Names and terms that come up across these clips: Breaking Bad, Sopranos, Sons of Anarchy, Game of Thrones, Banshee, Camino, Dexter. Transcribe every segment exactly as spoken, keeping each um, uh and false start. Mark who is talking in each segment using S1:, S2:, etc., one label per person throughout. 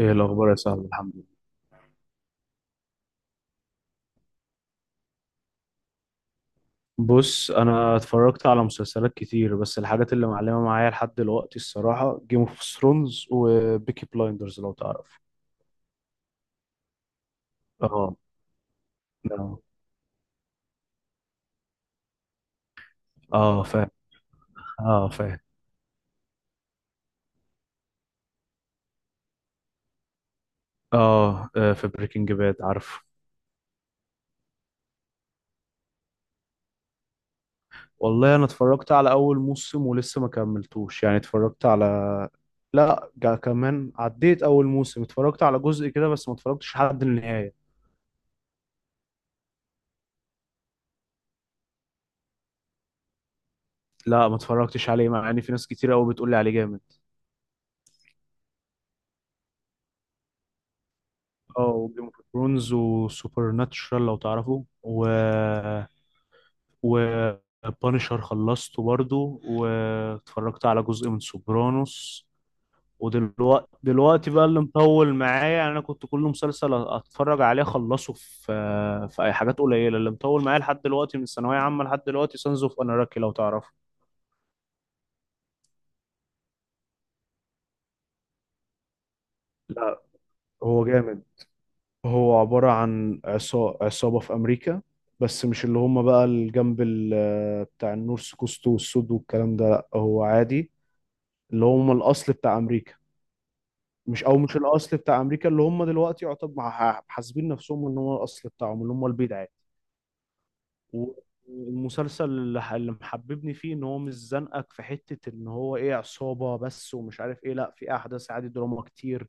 S1: ايه الاخبار يا صاحبي؟ الحمد لله. بص، انا اتفرجت على مسلسلات كتير، بس الحاجات اللي معلمه معايا لحد دلوقتي الصراحه جيم اوف ثرونز وبيكي بلايندرز، لو تعرف. اه اه. اه، فاهم. اه، فاهم. اه، آه، في بريكنج باد، عارف. والله انا اتفرجت على اول موسم ولسه ما كملتوش، يعني اتفرجت على... لا، جا- كمان عديت اول موسم، اتفرجت على جزء كده بس ما اتفرجتش لحد النهايه. لا، ما اتفرجتش عليه، مع ان في ناس كتير قوي بتقول لي عليه جامد. اه، وجيم اوف ثرونز وسوبر ناتشرال، لو تعرفوا، و و بانشر خلصته برضو، واتفرجت على جزء من سوبرانوس. ودلوقتي دلوقتي بقى اللي مطول معايا، يعني انا كنت كل مسلسل اتفرج عليه اخلصه في في اي حاجات قليله اللي مطول معايا لحد دلوقتي. من ثانويه عامه لحد دلوقتي سانز اوف اناراكي، لو تعرفه. لا، هو جامد. هو عبارة عن عصا- عصابة في أمريكا، بس مش اللي هم بقى الجنب ال- بتاع النورث كوست والسود والكلام ده، لأ هو عادي، اللي هم الأصل بتاع أمريكا. مش، أو مش الأصل بتاع أمريكا، اللي هم دلوقتي يعتبر مع- حاسبين نفسهم إن هو الأصل بتاعهم، اللي هم البيض عادي. و- والمسلسل اللي ح- اللي محببني فيه إن هو مش زنقك في حتة إن هو إيه، عصابة بس ومش عارف إيه، لأ، في أحداث عادي، دراما كتير،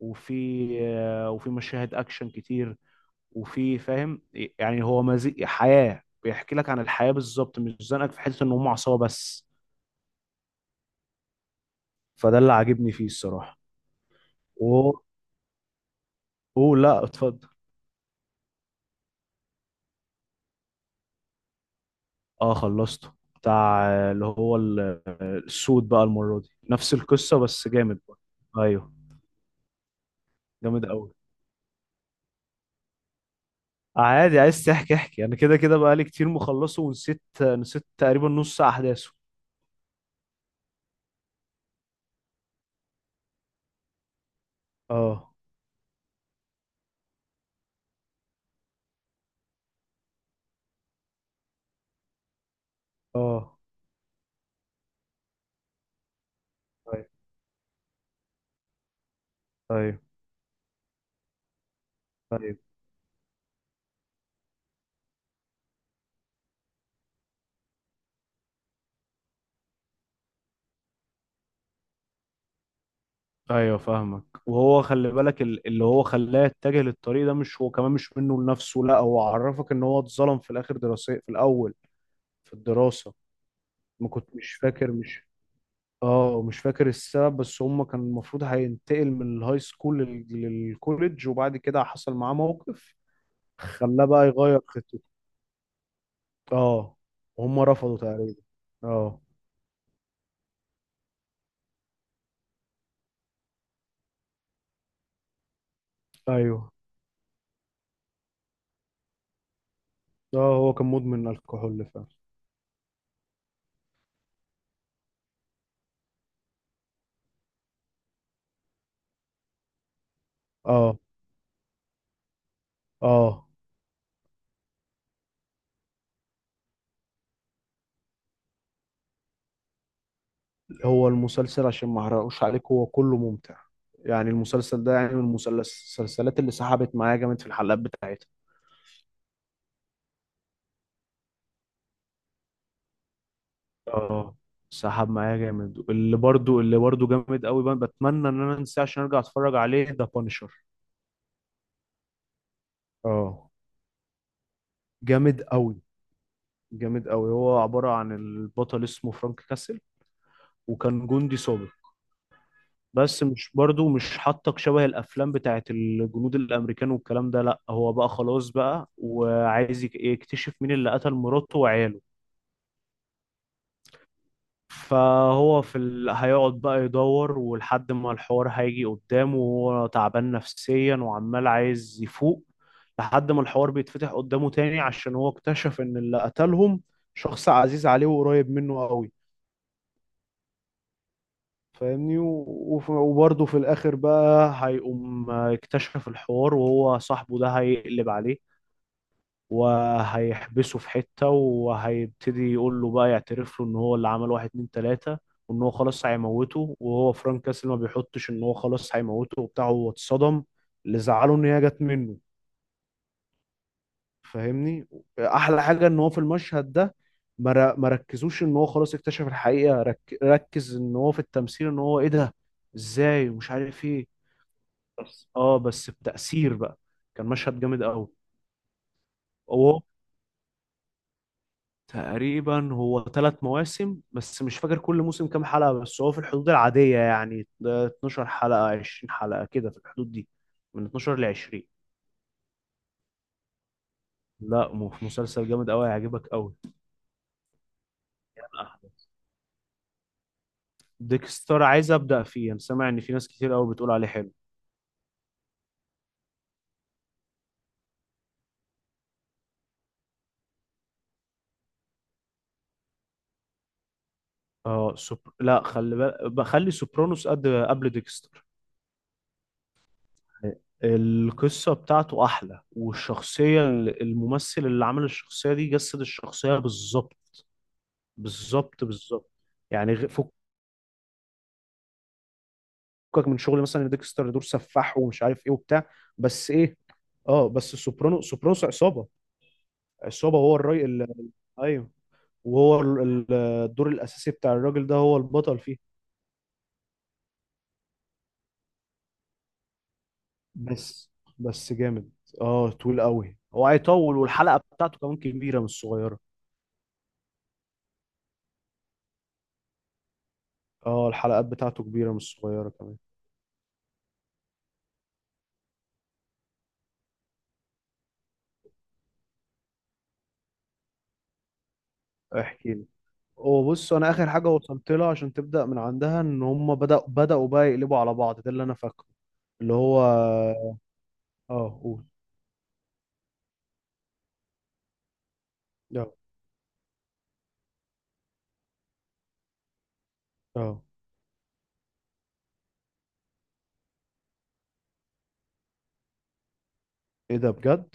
S1: وفي آه، وفي مشاهد أكشن كتير، وفي، فاهم، يعني هو مزيج حياة، بيحكي لك عن الحياة بالظبط، مش زنقك في حتة ان هم عصابة بس. فده اللي عاجبني فيه الصراحة. و اوه لا، اتفضل. اه، خلصته بتاع، آه، اللي هو ال- آه، السود بقى المرة دي نفس القصة بس جامد بقى. ايوه، جامد قوي. عادي، عايز تحكي احكي. انا كده كده بقى لي كتير مخلصه ونسيت، نسيت تقريبا نص احداثه. اه. اه، طيب. طيب، طيب. ايوه، فاهمك. وهو خلي بالك ال- اللي هو خلاه يتجه للطريق ده مش هو كمان، مش منه لنفسه، لا هو عرفك ان هو اتظلم في الاخر دراسي، في الاول، في الدراسة. ما كنت مش فاكر، مش... اه، مش فاكر السبب، بس هم كان المفروض هينتقل من الهاي سكول لل- للكوليدج، وبعد كده حصل معاه موقف خلاه بقى يغير خطته. اه، وهم رفضوا تقريبا. اه. ايوه. اه، هو كان مدمن الكحول فعلا. اه. اه، هو المسلسل عشان ما احرقوش عليك هو كله ممتع. يعني المسلسل ده، يعني من المسلس- المسلسلات اللي سحبت معايا جامد في الحلقات بتاعتها. اه، سحب معايا جامد. اللي برضو اللي برضو جامد قوي بقى، بتمنى ان انا انساه عشان ارجع اتفرج عليه، ده بانشر. اه، جامد قوي. جامد قوي. هو عبارة عن البطل اسمه فرانك كاسل، وكان جندي سابق. بس مش برضو مش حاطك شبه الافلام بتاعت الجنود الامريكان والكلام ده، لا، هو بقى خلاص بقى وعايز يك- يكتشف مين اللي قتل مراته وعياله. فهو في ال... هيقعد بقى يدور، ولحد ما الحوار هيجي قدامه وهو تعبان نفسيا وعمال عايز يفوق، لحد ما الحوار بيتفتح قدامه تاني، عشان هو اكتشف ان اللي قتلهم شخص عزيز عليه وقريب منه قوي. فاهمني، و- وف- وبرضه في الاخر بقى هيقوم اكتشف الحوار، وهو صاحبه ده هيقلب عليه وهيحبسه في حتة، وهيبتدي يقول له بقى، يعترف له ان هو اللي عمل واحد اتنين تلاتة، وان هو خلاص هيموته. وهو فرانك كاسل ما بيحطش ان هو خلاص هيموته وبتاع، هو اتصدم، اللي زعله ان هي جت منه. فاهمني. احلى حاجة ان هو في المشهد ده ما ر- ما ركزوش ان هو خلاص اكتشف الحقيقة، رك- ركز ان هو في التمثيل، ان هو ايه ده، ازاي، ومش عارف ايه. بس، اه، بس بتأثير بقى. كان مشهد جامد قوي. هو تقريبا هو ثلاث مواسم، بس مش فاكر كل موسم كام حلقة، بس هو في الحدود العادية، يعني اتناشر حلقة، عشرين حلقة، كده في الحدود دي، من اتناشر ل عشرين. لا، م- مسلسل جامد قوي، هيعجبك قوي. ديكستر عايز أبدأ فيه، انا سامع ان في ناس كتير قوي بتقول عليه حلو. اه، سوبر... لا، خلي بالك، بخلي سوبرانوس قد قبل ديكستر. القصة بتاعته أحلى، والشخصية، الممثل اللي عمل الشخصية دي جسد الشخصية بالظبط. بالظبط، بالظبط. يعني غ- فكك من شغل مثلا ديكستر، دور سفاح ومش عارف إيه وبتاع، بس إيه؟ اه، بس سوبرانو سوبرانوس عصابة، عصابة، هو الراي ال- أيوه. وهو ال- ال- الدور الأساسي بتاع الراجل ده، هو البطل فيه. بس بس جامد. اه، طويل قوي، هو هيطول، والحلقة بتاعته كمان كبيرة، مش صغيرة. اه، الحلقات بتاعته كبيرة مش صغيرة كمان. احكي لي. وبص، انا اخر حاجه وصلت لها عشان تبدا من عندها، ان هم بدأ بدأوا بقى يقلبوا على بعض، ده اللي انا فاكره. اللي هو... اه، قول. اه. اه، ايه ده بجد؟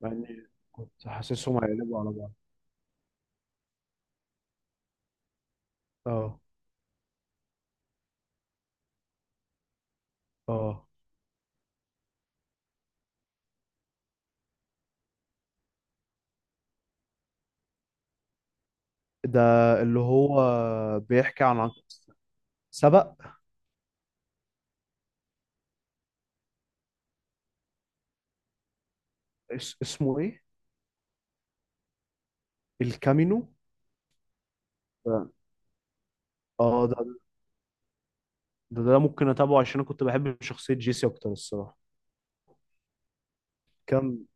S1: يعني كنت حاسسهم هيقلبوا على بعض. اه. اه، ده اللي هو بيحكي عن عن سبق. اس- اسمه ايه؟ الكامينو. اه، ده، ده, ده ممكن اتابعه، عشان انا كنت بحب شخصيه جيسي اكتر الصراحه. كان.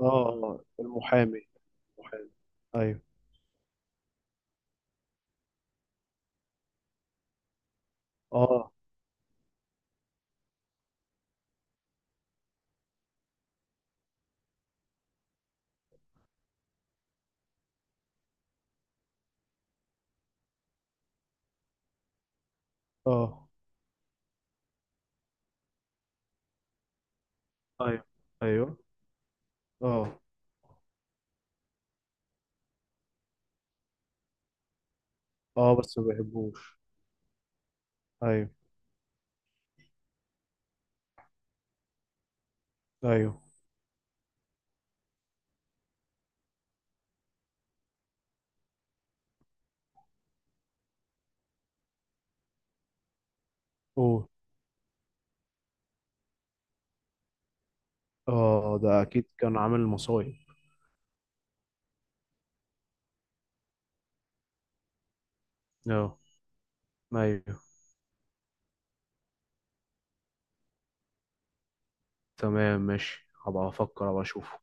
S1: اه، المحامي، المحامي. ايوه. اه. اه، ايوه. ايوه. اه. اه، بس ما بيحبوش. ايوه. ايوه. اوه. اه، ده اكيد كان عامل مصايب. اه. ايوه، تمام، ماشي، هبقى افكر ابقى اشوفه.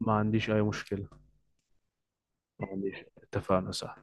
S1: ما عنديش اي مشكلة. ما عنديش. اتفقنا، صح.